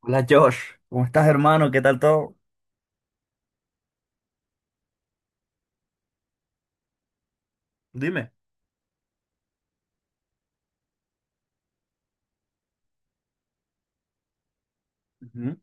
Hola Josh, ¿cómo estás, hermano? ¿Qué tal todo? Dime. Ujú.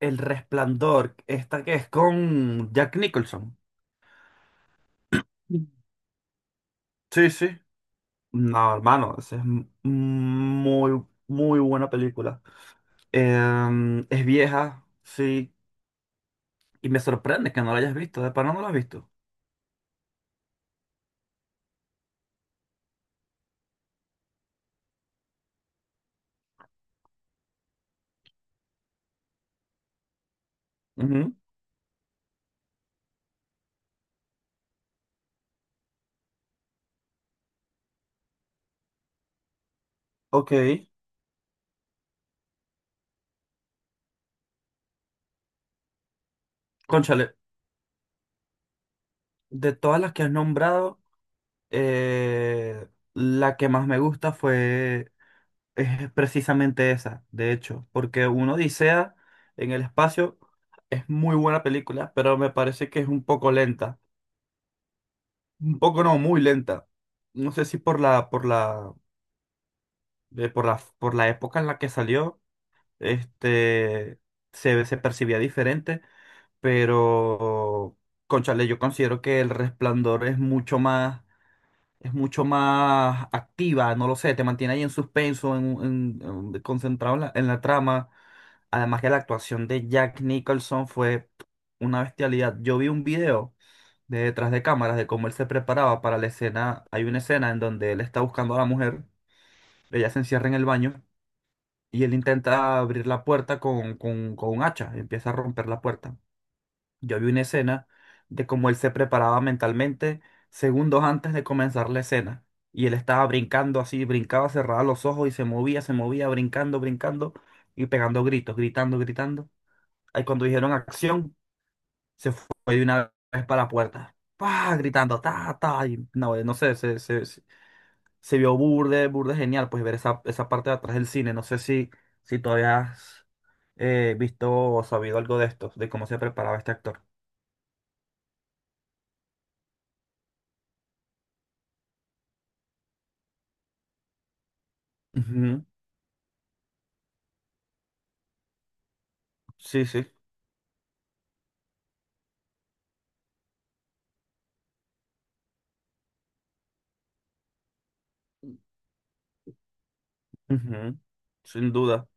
El Resplandor, esta que es con Jack Nicholson. Mm. Sí, sí. No, hermano, esa es muy, muy buena película. Es vieja, sí, y me sorprende que no la hayas visto, de pana no la has visto. Ujú. Ok, cónchale, de todas las que has nombrado, eh, la que más me gusta fue. Es precisamente esa, de hecho, porque uno Odisea en el espacio es muy buena película, pero me parece que es un poco lenta. Un poco no, muy lenta. No sé si por la época en la que salió, este, se percibía diferente, pero, cónchale, yo considero que El Resplandor es mucho más activa, no lo sé, te mantiene ahí en suspenso, concentrado en en la trama. Además que la actuación de Jack Nicholson fue una bestialidad. Yo vi un video de detrás de cámaras de cómo él se preparaba para la escena. Hay una escena en donde él está buscando a la mujer, ella se encierra en el baño y él intenta abrir la puerta con un hacha, empieza a romper la puerta. Yo vi una escena de cómo él se preparaba mentalmente segundos antes de comenzar la escena. Y él estaba brincando así, brincaba, cerraba los ojos y se movía, brincando, brincando y pegando gritos, gritando, gritando. Ahí cuando dijeron acción, se fue de una vez para la puerta. ¡Pah! Gritando, ta, ta. Y no, no sé, se vio burde, burde genial, pues ver esa, esa parte de atrás del cine. No sé si, si todavía has visto o sabido algo de esto, de cómo se preparaba este actor. Ujú. Sí, sí. Ujú, sin duda.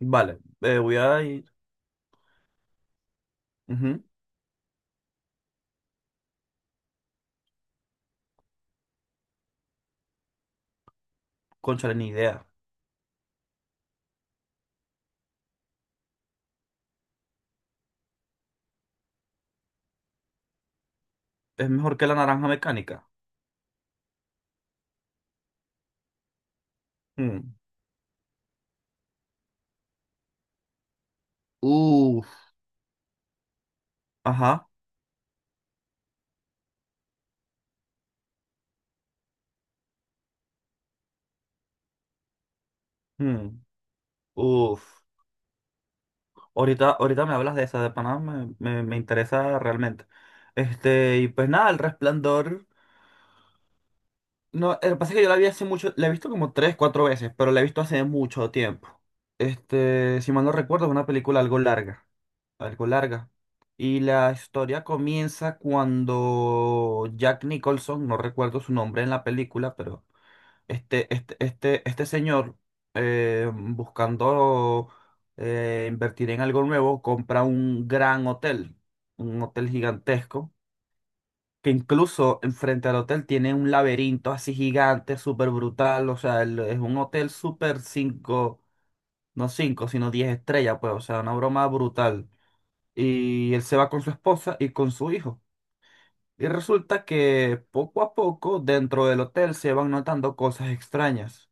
Vale, voy a ir. Ujú. Cónchale, ni idea. Es mejor que la naranja mecánica. Mm. Uf. Ajá. Mm. Uf. Ahorita, ahorita me hablas de esa, de Panamá, me interesa realmente. Este, y pues nada, el resplandor. No, lo que pasa es que yo la vi hace mucho, la he visto como tres, cuatro veces, pero la he visto hace mucho tiempo. Este, si mal no recuerdo, es una película algo larga. Y la historia comienza cuando Jack Nicholson, no recuerdo su nombre en la película, pero este señor, buscando invertir en algo nuevo, compra un gran hotel, un hotel gigantesco, que incluso enfrente al hotel tiene un laberinto así gigante, súper brutal, o sea, es un hotel súper cinco, no cinco, sino 10 estrellas, pues, o sea, una broma brutal y él se va con su esposa y con su hijo. Y resulta que poco a poco dentro del hotel se van notando cosas extrañas.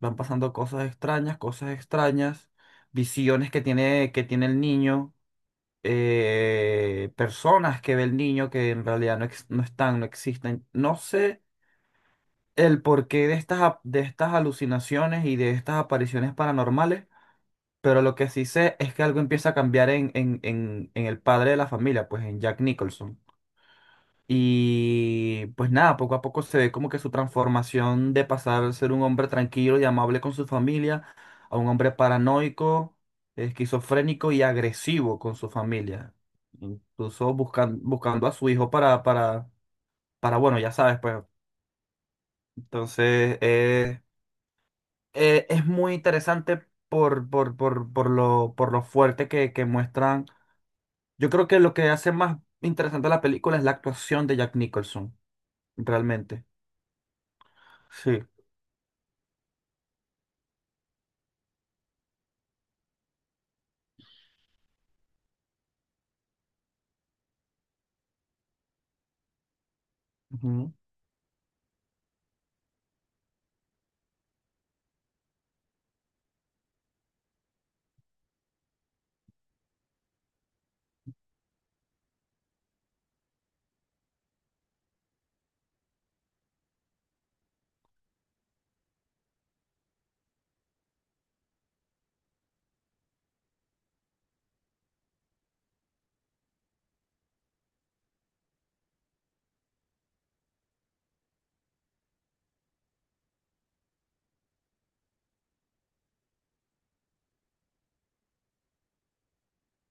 Van pasando cosas extrañas, visiones que tiene el niño, personas que ve el niño que en realidad no están, no existen. No sé el porqué de de estas alucinaciones y de estas apariciones paranormales. Pero lo que sí sé es que algo empieza a cambiar en el padre de la familia, pues en Jack Nicholson. Y pues nada, poco a poco se ve como que su transformación de pasar a ser un hombre tranquilo y amable con su familia a un hombre paranoico, esquizofrénico y agresivo con su familia. Incluso buscando a su hijo para, bueno, ya sabes, pues. Entonces, es muy interesante por lo fuerte que muestran. Yo creo que lo que hace más interesante la película es la actuación de Jack Nicholson, realmente. Sí. Ujú,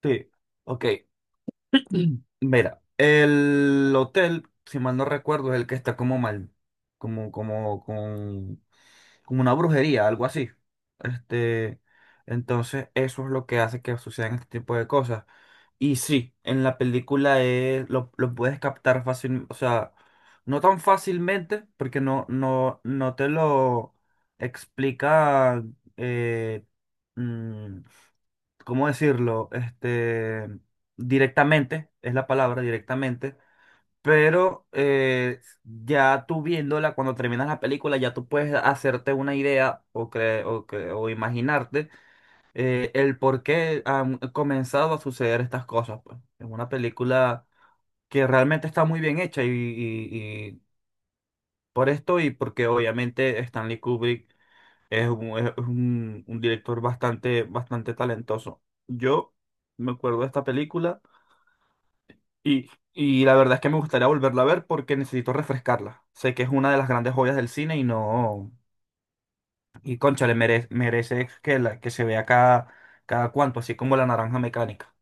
sí, ok. Mira, el hotel, si mal no recuerdo, es el que está como mal, como, como, con, como una brujería, algo así. Este, entonces, eso es lo que hace que sucedan este tipo de cosas. Y sí, en la película es, lo puedes captar fácil, o sea, no tan fácilmente, porque no te lo explica, eh, mm, ¿cómo decirlo? Este, directamente, es la palabra directamente, pero ya tú viéndola, cuando terminas la película, ya tú puedes hacerte una idea o imaginarte el por qué han comenzado a suceder estas cosas, pues. Es una película que realmente está muy bien hecha y por esto y porque obviamente Stanley Kubrick es un director bastante, bastante talentoso. Yo me acuerdo de esta película y la verdad es que me gustaría volverla a ver porque necesito refrescarla. Sé que es una de las grandes joyas del cine y no... Y cónchale le merece que se vea cada, cada cuanto, así como La Naranja Mecánica.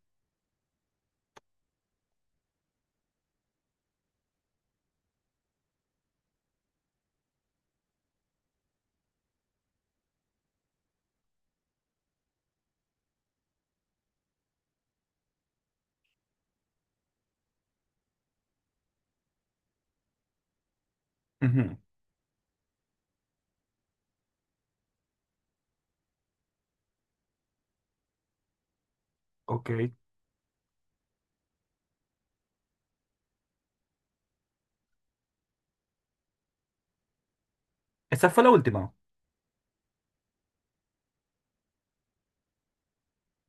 Ujú, ok. Esa fue la última.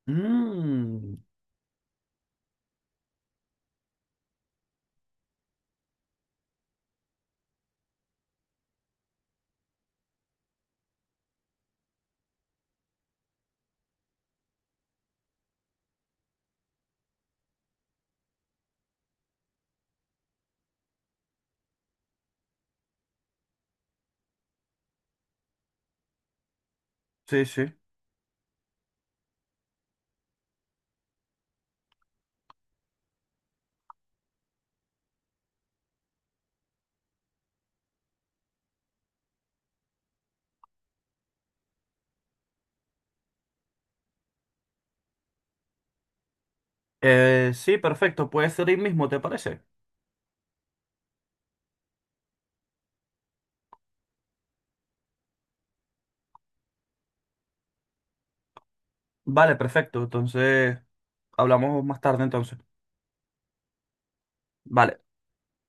Mm, sí, sí. Sí, perfecto. Puede ser hoy mismo, ¿te parece? Vale, perfecto. Entonces, hablamos más tarde entonces. Vale.